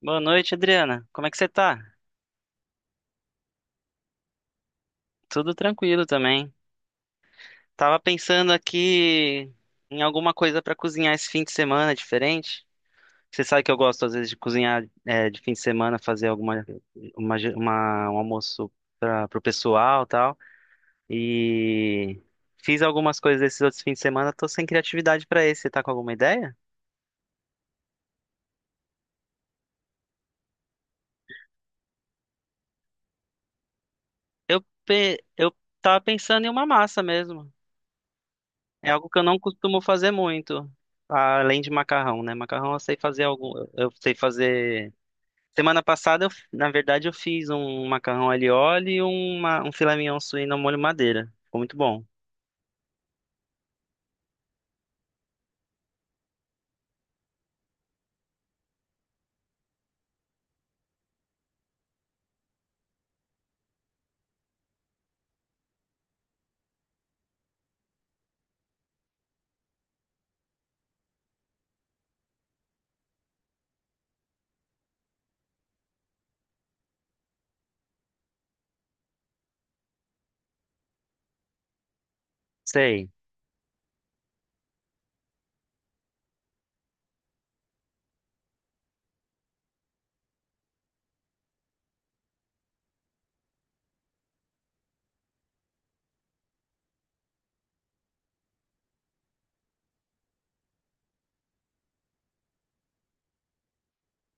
Boa noite, Adriana. Como é que você tá? Tudo tranquilo também. Tava pensando aqui em alguma coisa pra cozinhar esse fim de semana diferente. Você sabe que eu gosto às vezes de cozinhar de fim de semana, fazer alguma uma, ge- uma- um almoço para pro pessoal, e tal. E fiz algumas coisas esses outros fins de semana, tô sem criatividade pra esse. Você tá com alguma ideia? Eu tava pensando em uma massa mesmo. É algo que eu não costumo fazer muito, além de macarrão, né? Macarrão eu sei fazer algum, eu sei fazer. Semana passada, na verdade, eu fiz um macarrão alho e óleo e um filé mignon suíno ao molho madeira. Ficou muito bom. Sei.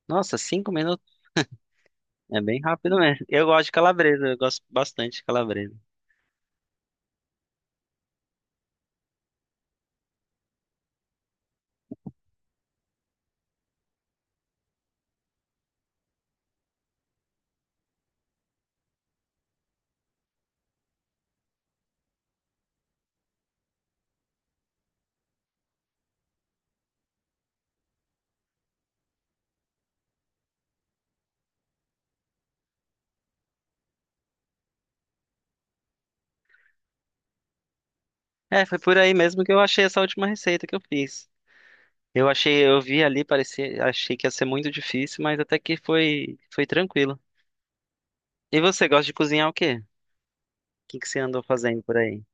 Nossa, 5 minutos é bem rápido mesmo. Eu gosto de calabresa, eu gosto bastante de calabresa. É, foi por aí mesmo que eu achei essa última receita que eu fiz. Eu achei, eu vi ali, parecia, achei que ia ser muito difícil, mas até que foi, foi tranquilo. E você gosta de cozinhar o quê? O que que você andou fazendo por aí?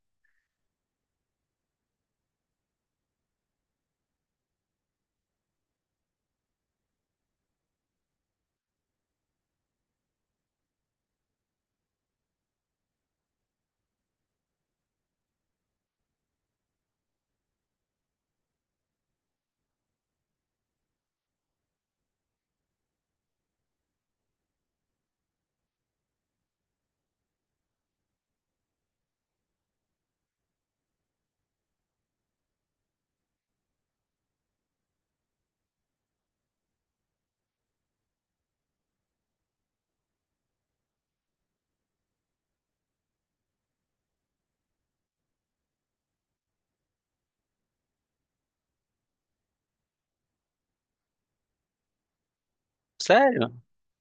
Sério?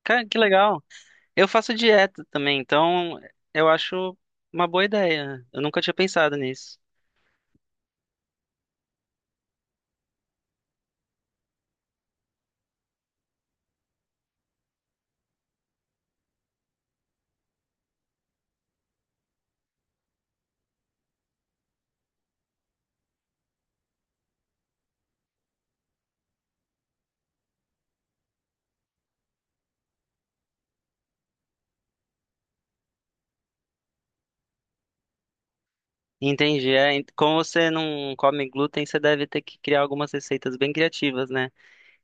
Cara, que legal. Eu faço dieta também, então eu acho uma boa ideia. Eu nunca tinha pensado nisso. Entendi. É, como você não come glúten, você deve ter que criar algumas receitas bem criativas, né?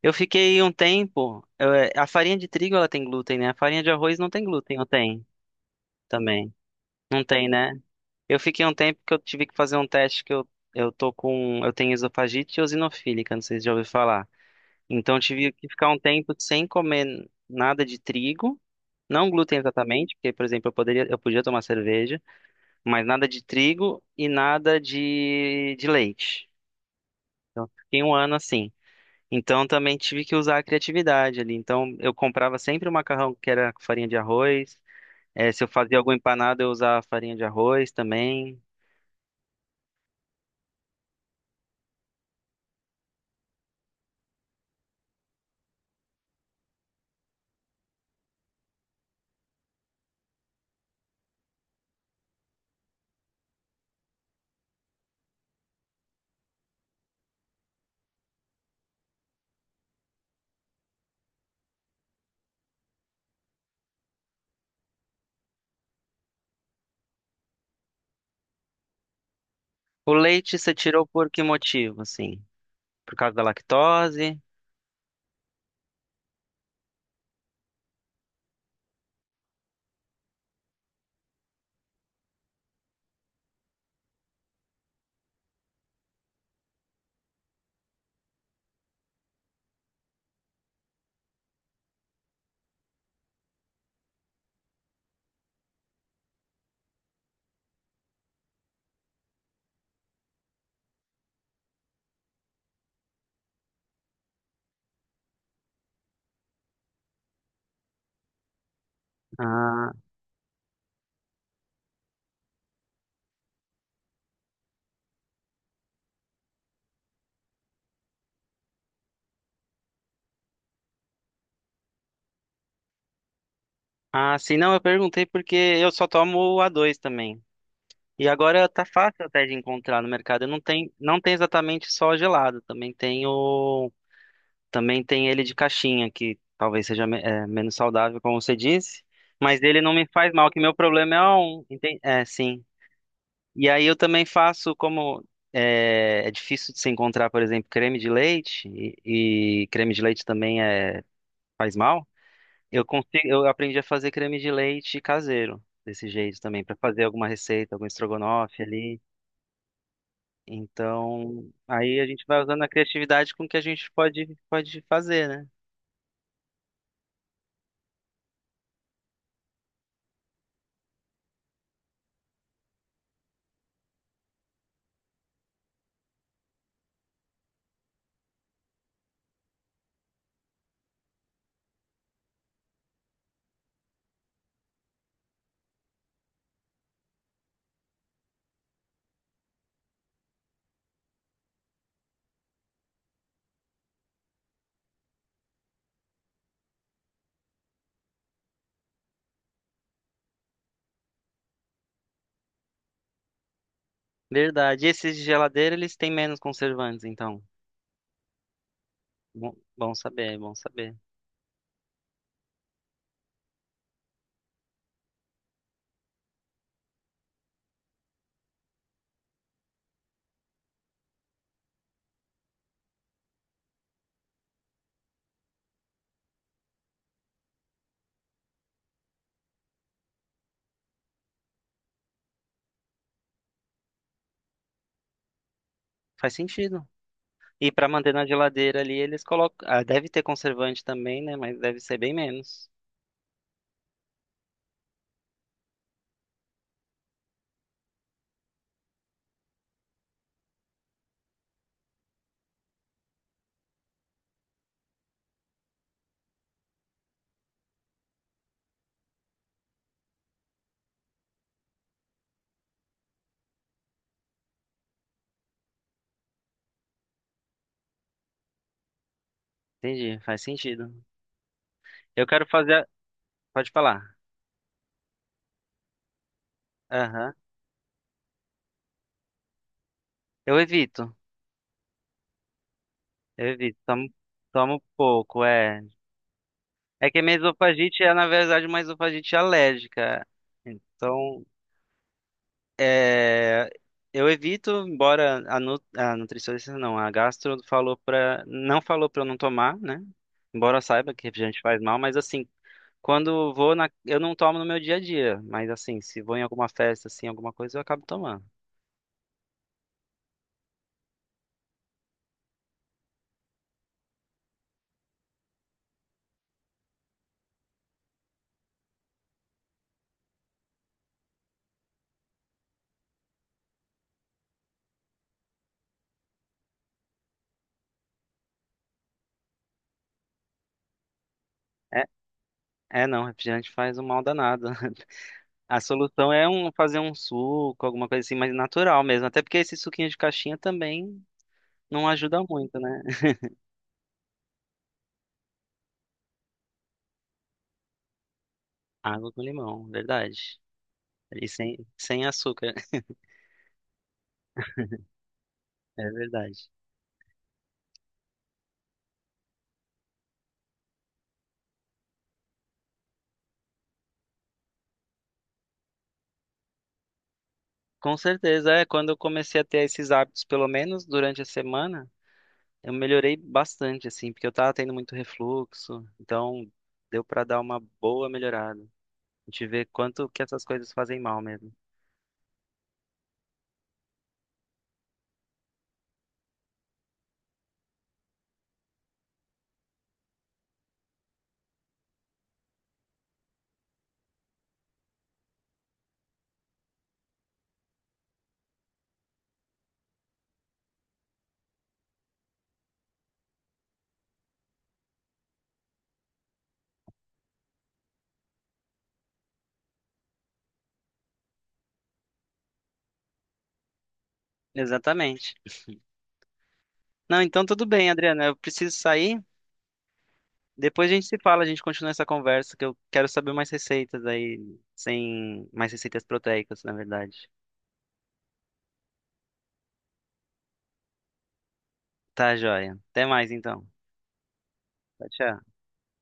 Eu fiquei um tempo. A farinha de trigo ela tem glúten, né? A farinha de arroz não tem glúten, ou tem também? Não tem, né? Eu fiquei um tempo que eu tive que fazer um teste que eu tô com. Eu tenho esofagite eosinofílica, não sei se já ouviu falar. Então eu tive que ficar um tempo sem comer nada de trigo, não glúten exatamente, porque, por exemplo, eu podia tomar cerveja, mas nada de trigo e nada de, de leite. Então fiquei um ano assim. Então também tive que usar a criatividade ali. Então eu comprava sempre o macarrão que era com farinha de arroz. Se eu fazia algum empanado, eu usava farinha de arroz também. O leite você tirou por que motivo, assim? Por causa da lactose? Ah, Ah, sim, não, eu perguntei porque eu só tomo o A2 também. E agora tá fácil até de encontrar no mercado. Não tem exatamente só gelado, também tem ele de caixinha, que talvez seja menos saudável, como você disse, mas ele não me faz mal, que meu problema é sim. E aí eu também faço é difícil de se encontrar, por exemplo, creme de leite e creme de leite também é faz mal. Eu consigo, eu aprendi a fazer creme de leite caseiro, desse jeito também, para fazer alguma receita, algum estrogonofe ali. Então, aí a gente vai usando a criatividade com o que a gente pode, pode fazer, né? Verdade. E esses de geladeira, eles têm menos conservantes, então. Bom, bom saber, bom saber. Faz sentido. E para manter na geladeira ali, eles colocam. Ah, deve ter conservante também, né? Mas deve ser bem menos. Entendi, faz sentido. Eu quero fazer. Pode falar. Aham. Eu evito. Evito, tomo, tomo pouco, é. É que a minha esofagite é, na verdade, uma esofagite alérgica. Então, é, eu evito, embora a nutricionista, não, a gastro não falou pra eu não tomar, né? Embora eu saiba que refrigerante faz mal, mas assim, eu não tomo no meu dia a dia, mas assim, se vou em alguma festa, assim, alguma coisa, eu acabo tomando. É, é, não, refrigerante faz um mal danado. A solução é fazer um suco, alguma coisa assim mais natural mesmo. Até porque esse suquinho de caixinha também não ajuda muito, né? Água com limão, verdade. E sem açúcar, é verdade. Com certeza, é. Quando eu comecei a ter esses hábitos, pelo menos durante a semana, eu melhorei bastante, assim, porque eu tava tendo muito refluxo. Então, deu pra dar uma boa melhorada. A gente vê quanto que essas coisas fazem mal mesmo. Exatamente. Não, então tudo bem, Adriana. Eu preciso sair. Depois a gente se fala, a gente continua essa conversa, que eu quero saber mais receitas aí, sem mais receitas proteicas, na verdade. Tá, joia. Até mais então. Tchau, tchau.